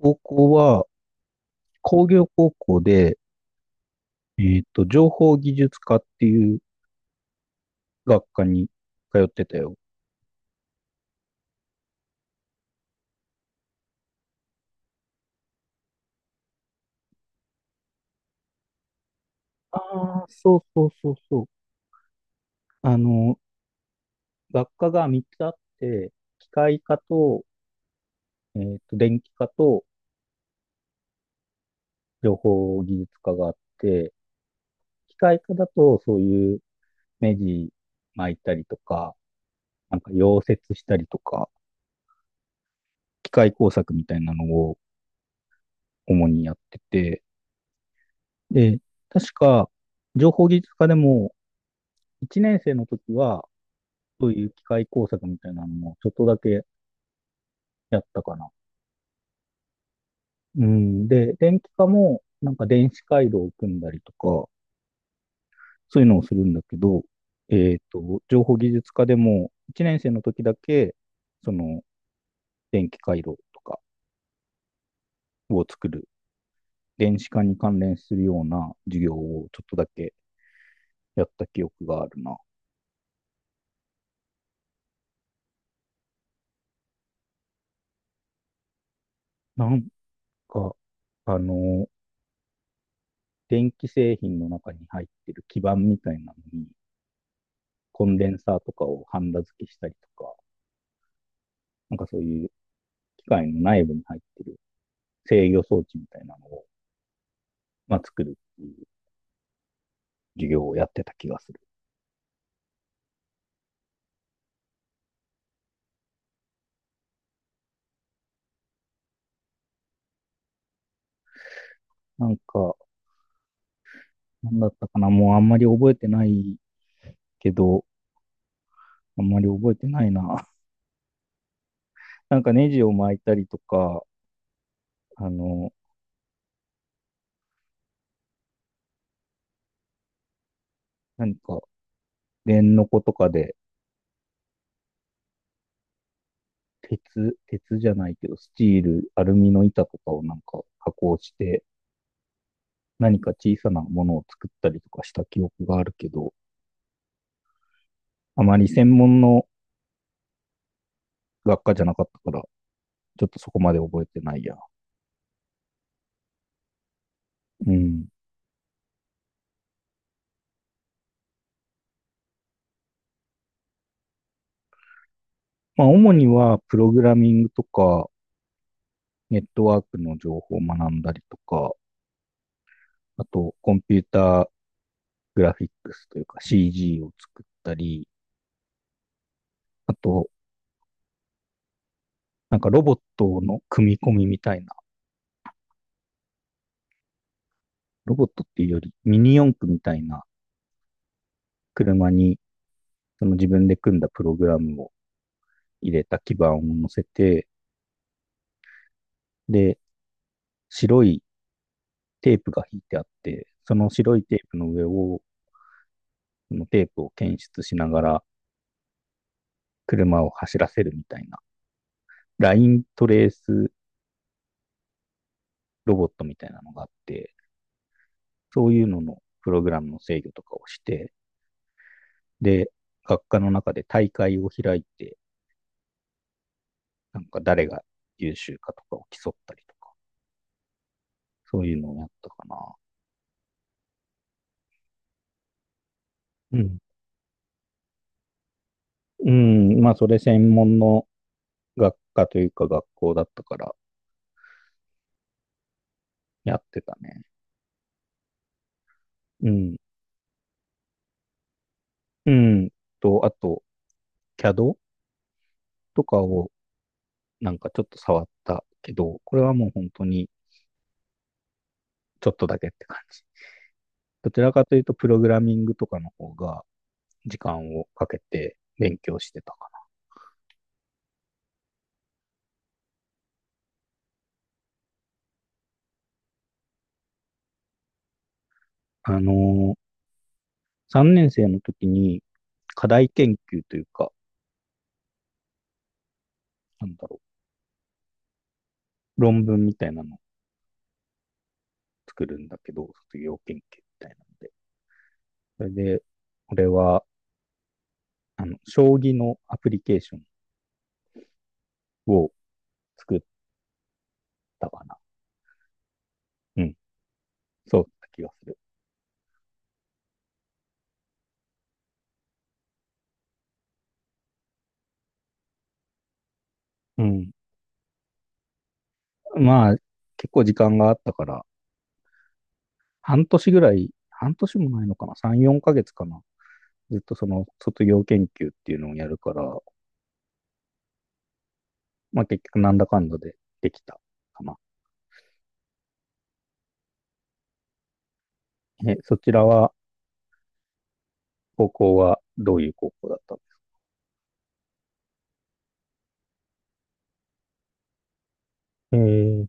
高校は工業高校で、情報技術科っていう学科に通ってたよ。ああ、そうそうそうそう。あの、学科が3つあって、機械科と、電気科と情報技術科があって、機械科だとそういう目ジ巻いたりとか、なんか溶接したりとか、機械工作みたいなのを主にやってて、で、確か情報技術科でも一年生の時は、そういう機械工作みたいなのもちょっとだけやったかな。うん。で、電気科も、なんか電子回路を組んだりとか、そういうのをするんだけど、情報技術科でも、一年生の時だけ、その、電気回路とかを作る、電子化に関連するような授業をちょっとだけやった記憶があるな。なんか、あの、電気製品の中に入ってる基板みたいなのに、コンデンサーとかをハンダ付けしたりとか、なんかそういう機械の内部に入ってる制御装置みたいなのを、まあ、作るっていう授業をやってた気がする。なんか、なんだったかなもうあんまり覚えてないけど、あんまり覚えてないな。なんかネジを巻いたりとか、あの、何か電の子とかで鉄じゃないけど、スチール、アルミの板とかをなんか加工して、何か小さなものを作ったりとかした記憶があるけど、あまり専門の学科じゃなかったから、ちょっとそこまで覚えてないや。うん。まあ、主には、プログラミングとか、ネットワークの情報を学んだりとか、あと、コンピューターグラフィックスというか CG を作ったり、あと、なんかロボットの組み込みみたいな、ロボットっていうよりミニ四駆みたいな車に、その自分で組んだプログラムを入れた基板を乗せて、で、白いテープが引いてあって、その白いテープの上をそのテープを検出しながら車を走らせるみたいな、ライントレースロボットみたいなのがあって、そういうののプログラムの制御とかをして、で、学科の中で大会を開いて、なんか誰が優秀かとかを競ったりとか、そういうのをやったかな。うん。うん、まあ、それ専門の学科というか学校だったからやってたね。うん。うん。と、あと、CAD とかをなんかちょっと触ったけど、これはもう本当にちょっとだけって感じ。どちらかというと、プログラミングとかの方が時間をかけて勉強してたかな。ー、3年生の時に課題研究というか、なんだろう、論文みたいなのを作るんだけど、卒業研究みたいなので。それで、俺は、将棋のアプリケーションを作ったかな。うん、そうだった気がする。うん。まあ、結構時間があったから、半年ぐらい、半年もないのかな、3、4ヶ月かな。ずっとその卒業研究っていうのをやるから、まあ結局なんだかんだでできたかな。え、そちらは、高校はどういう高校だったの？えー、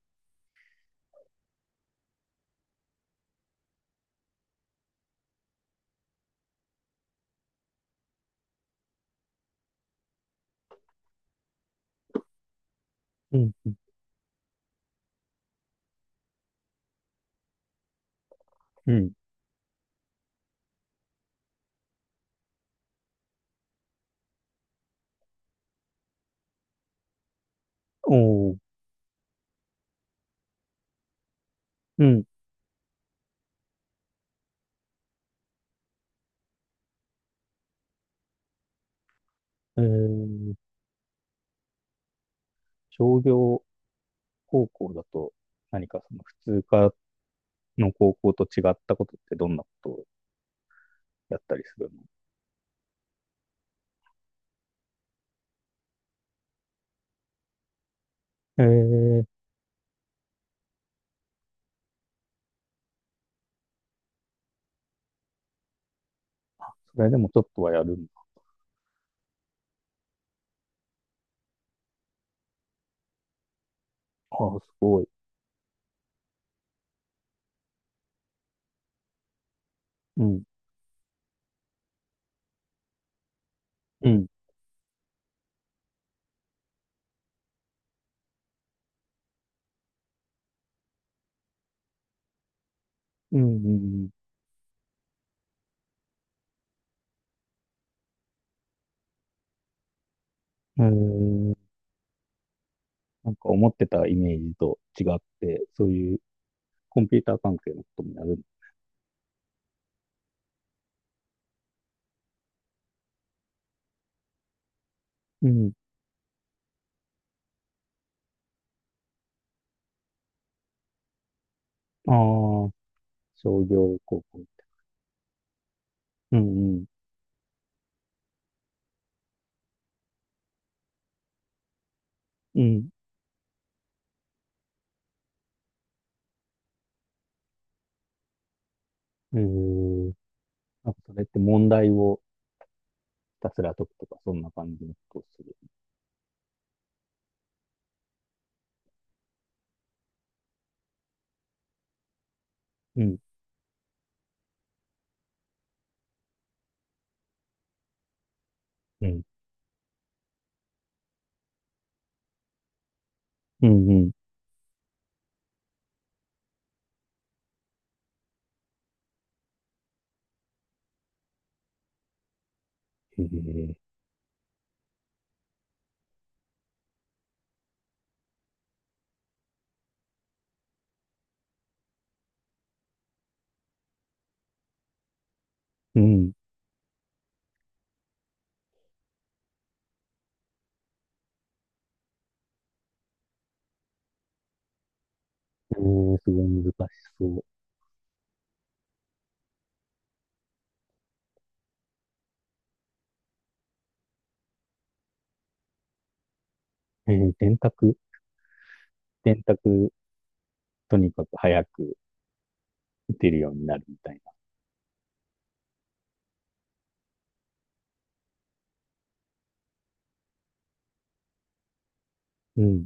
うん、んうん。おーうん。えー、商業高校だと、何かその普通科の高校と違ったことってどんなことをやったりするの？えー、それでもちょっとはやるんだ。ああ、すごい。うん。うん。うん。うんうん。えー、なんか思ってたイメージと違って、そういうコンピューター関係のこともやる。うん。ああ、商業高校。うんうん。うん。えー、なんかそれって問題をひたすら解くとか、そんな感じのことをする。うん。うん。うんうん。えー、うん。えー、すごい難しそう。えー、電卓。電卓、とにかく早く打てるようになるみたいな。うん。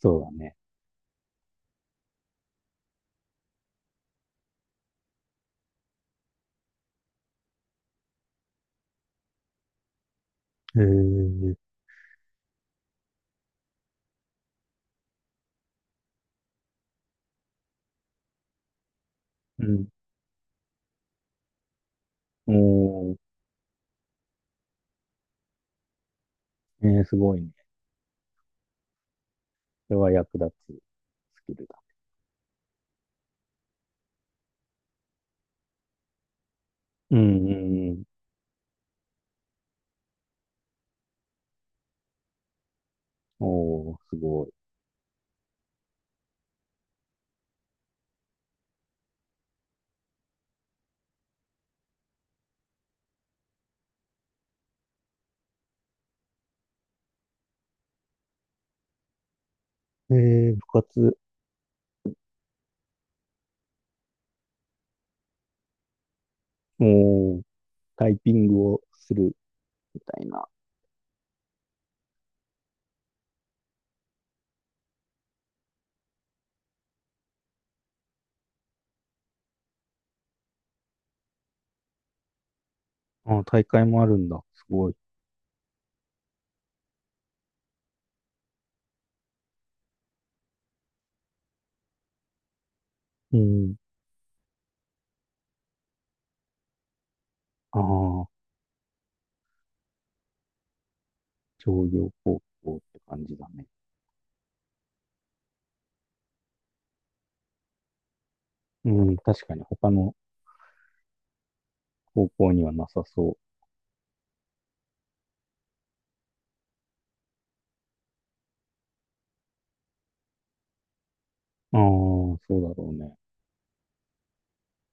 そうだね。えー、うん。おー、えー、すごいね。それは役立つスキルだ。うんうんうん。おー、すごい。えー、部活、もう、タイピングをするみたいな。ああ、大会もあるんだ。すごい。うん。ああ、商業高校って感じだね。うん。確かに他の高校にはなさそう。ああ、そうだろうね。